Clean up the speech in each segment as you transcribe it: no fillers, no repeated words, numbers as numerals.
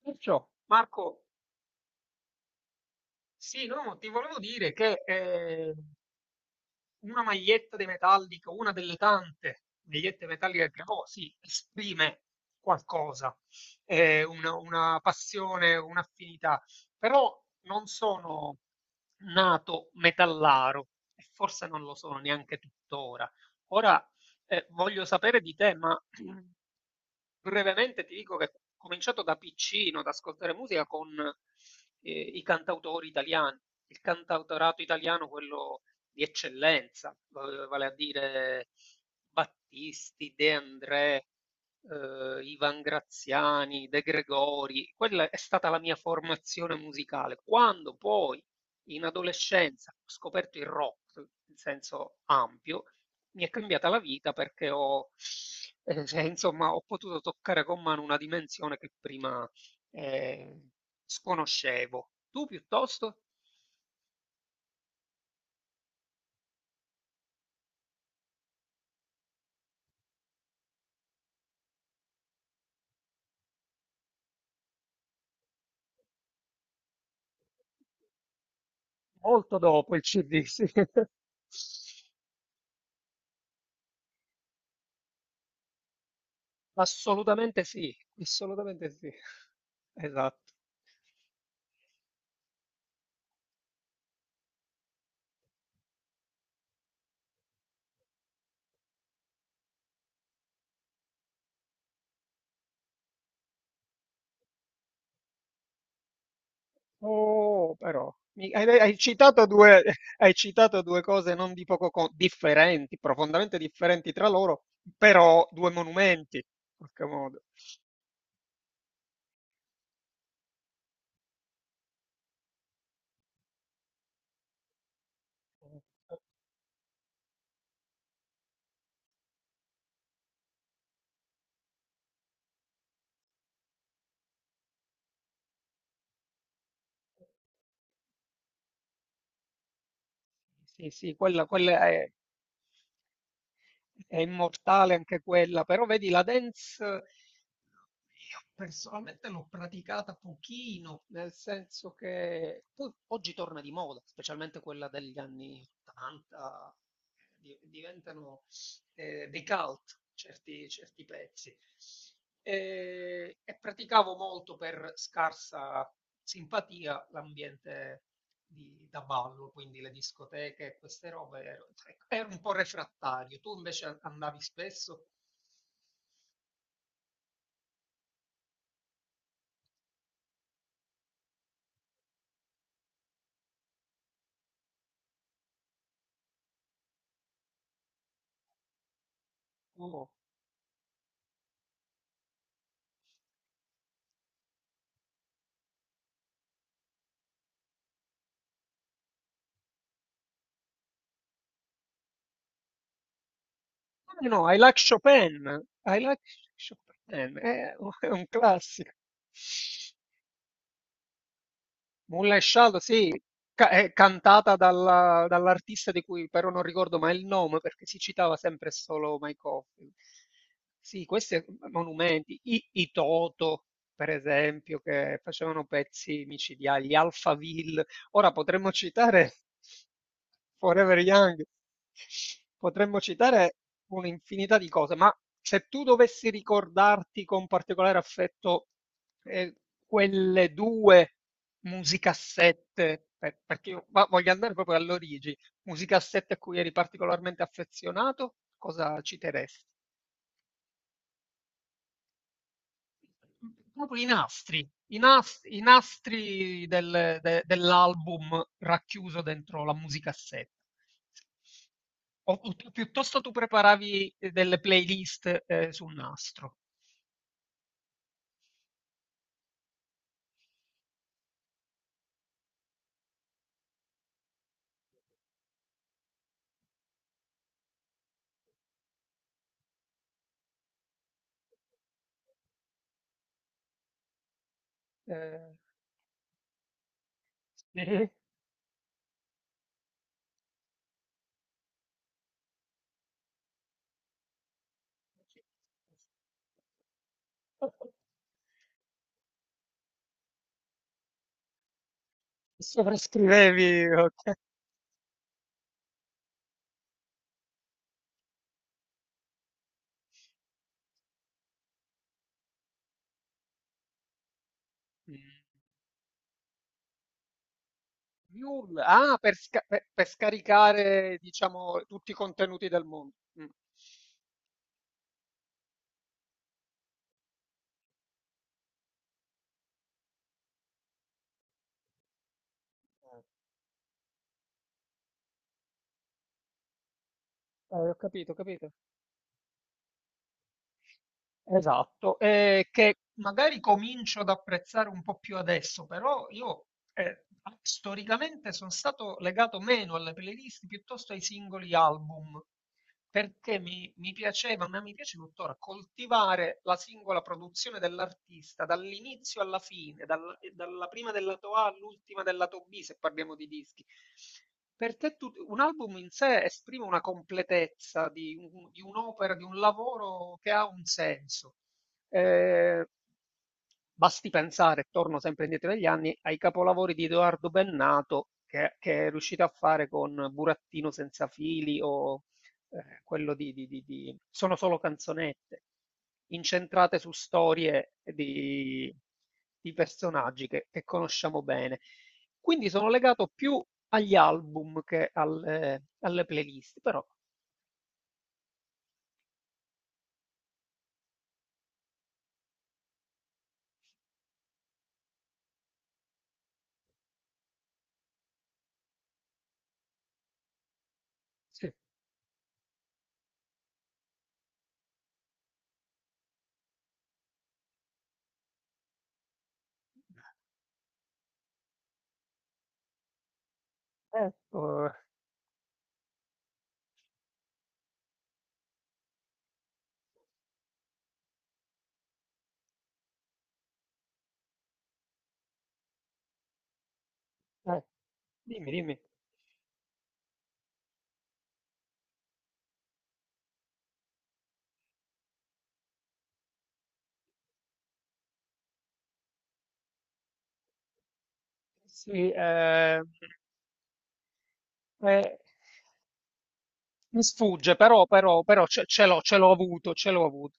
Perciò, Marco, sì, no, ti volevo dire che una maglietta di Metallica, una delle tante magliette metalliche che provò, sì, esprime qualcosa, una passione, un'affinità, però non sono nato metallaro e forse non lo sono neanche tuttora. Ora voglio sapere di te, ma brevemente ti dico che ho cominciato da piccino ad ascoltare musica con i cantautori italiani, il cantautorato italiano, quello di eccellenza, vale a dire Battisti, De André, Ivan Graziani, De Gregori. Quella è stata la mia formazione musicale. Quando poi in adolescenza ho scoperto il rock in senso ampio, mi è cambiata la vita perché cioè, insomma, ho potuto toccare con mano una dimensione che prima eh, sconoscevo. Tu piuttosto? Molto dopo il CD, sì. Assolutamente sì, assolutamente sì. Esatto. Oh, però, hai, hai citato due, hai citato due cose non di poco differenti, profondamente differenti tra loro, però due monumenti, in qualche modo. Sì, sì, quella è immortale anche quella, però vedi la dance, io personalmente l'ho praticata pochino, nel senso che poi oggi torna di moda, specialmente quella degli anni 80, di- diventano dei cult, certi, certi pezzi. E praticavo molto per scarsa simpatia l'ambiente da ballo, quindi le discoteche e queste robe, ero, ecco, ero un po' refrattario. Tu invece andavi spesso? Oh. No, no, I like Chopin. I like Chopin, è un classico. Moonlight Shadow, sì, è cantata dall'artista di cui però non ricordo mai il nome perché si citava sempre solo Mike Oldfield. Sì, questi monumenti, i Toto, per esempio, che facevano pezzi micidiali, gli Alphaville. Ora potremmo citare Forever Young, potremmo citare un'infinità di cose, ma se tu dovessi ricordarti con particolare affetto eh, quelle due musicassette, perché io voglio andare proprio all'origine, musicassette a cui eri particolarmente affezionato, cosa citeresti? Proprio i nastri, i nastri dell'album racchiuso dentro la musicassetta. O, piuttosto tu preparavi delle playlist sul nastro. Eh, sì. Sovrascrivevi, ok. Mm. Mule, ah, per, per scaricare, diciamo, tutti i contenuti del mondo. Mm. Ho capito, ho capito. Esatto, che magari comincio ad apprezzare un po' più adesso, però io eh, storicamente sono stato legato meno alle playlist piuttosto ai singoli album perché mi piaceva, ma mi piace tuttora, coltivare la singola produzione dell'artista dall'inizio alla fine, dalla prima del lato A all'ultima del lato B, se parliamo di dischi. Per te un album in sé esprime una completezza di, di un'opera, di un lavoro che ha un senso. Eh, basti pensare, torno sempre indietro negli anni, ai capolavori di Edoardo Bennato che è riuscito a fare con Burattino senza fili o quello sono solo canzonette incentrate su storie di personaggi che conosciamo bene. Quindi sono legato più agli album che alle, alle playlist, però sì. Eh. Eh, eh, dimmi, dimmi. Sì, eh, mi sfugge, però, però, però ce, ce l'ho avuto, ce l'ho avuto.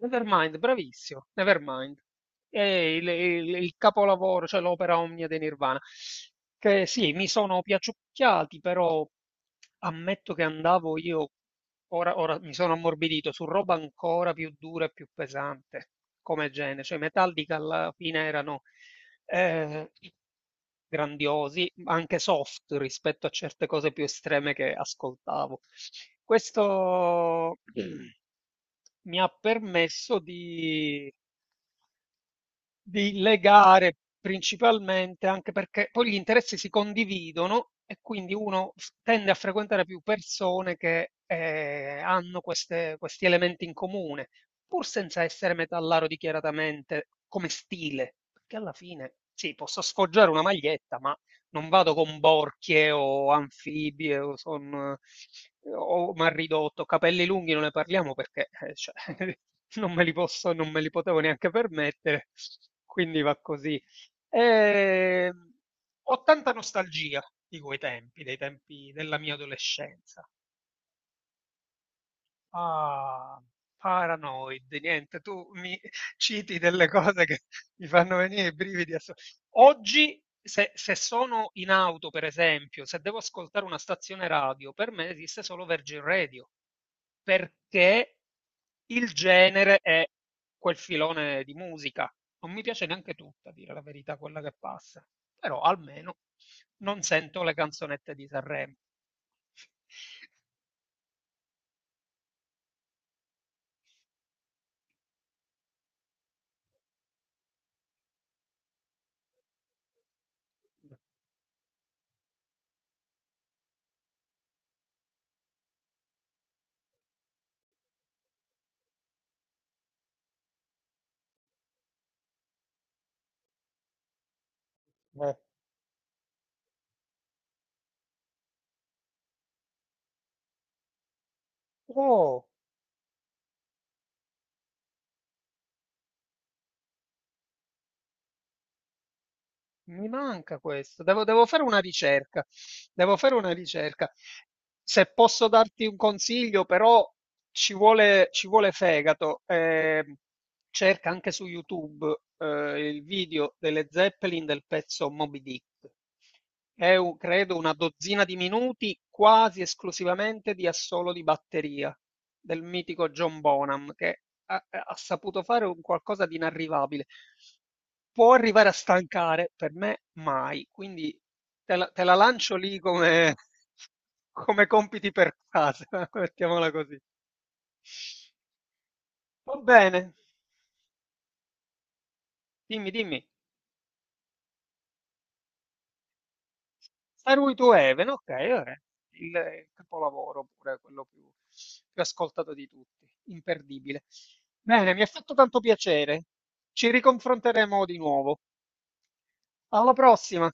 Nevermind, bravissimo, Nevermind. È il, il capolavoro, cioè l'opera omnia dei Nirvana. Che sì, mi sono piaciucchiati, però ammetto che andavo io, ora mi sono ammorbidito, su roba ancora più dura e più pesante come genere. Cioè, i Metallica alla fine erano eh, grandiosi, ma anche soft rispetto a certe cose più estreme che ascoltavo. Questo mi ha permesso di legare principalmente, anche perché poi gli interessi si condividono e quindi uno f- tende a frequentare più persone che hanno questi elementi in comune, pur senza essere metallaro dichiaratamente come stile, perché alla fine sì, posso sfoggiare una maglietta, ma non vado con borchie o anfibie o, son, o mal ridotto, capelli lunghi non ne parliamo perché cioè, non me li posso, non me li potevo neanche permettere, quindi va così. E, ho tanta nostalgia di quei tempi, dei tempi della mia adolescenza. Ah, Paranoid, niente, tu mi citi delle cose che mi fanno venire i brividi. Asso- Oggi, se, se sono in auto, per esempio, se devo ascoltare una stazione radio, per me esiste solo Virgin Radio, perché il genere è quel filone di musica. Non mi piace neanche tutta, a dire la verità, quella che passa, però almeno non sento le canzonette di Sanremo. Eh. Oh. Mi manca questo, devo, devo fare una ricerca, devo fare una ricerca. Se posso darti un consiglio, però ci vuole fegato. Cerca anche su YouTube il video delle Zeppelin del pezzo Moby Dick. È credo una dozzina di minuti quasi esclusivamente di assolo di batteria del mitico John Bonham, che ha, ha saputo fare un qualcosa di inarrivabile. Può arrivare a stancare, per me mai. Quindi te la lancio lì come come compiti per casa, mettiamola così. Va bene, dimmi, dimmi. Stairway to Heaven, ok, vabbè. Il, capolavoro pure, quello più, più ascoltato di tutti, imperdibile. Bene, mi ha fatto tanto piacere. Ci riconfronteremo di nuovo. Alla prossima!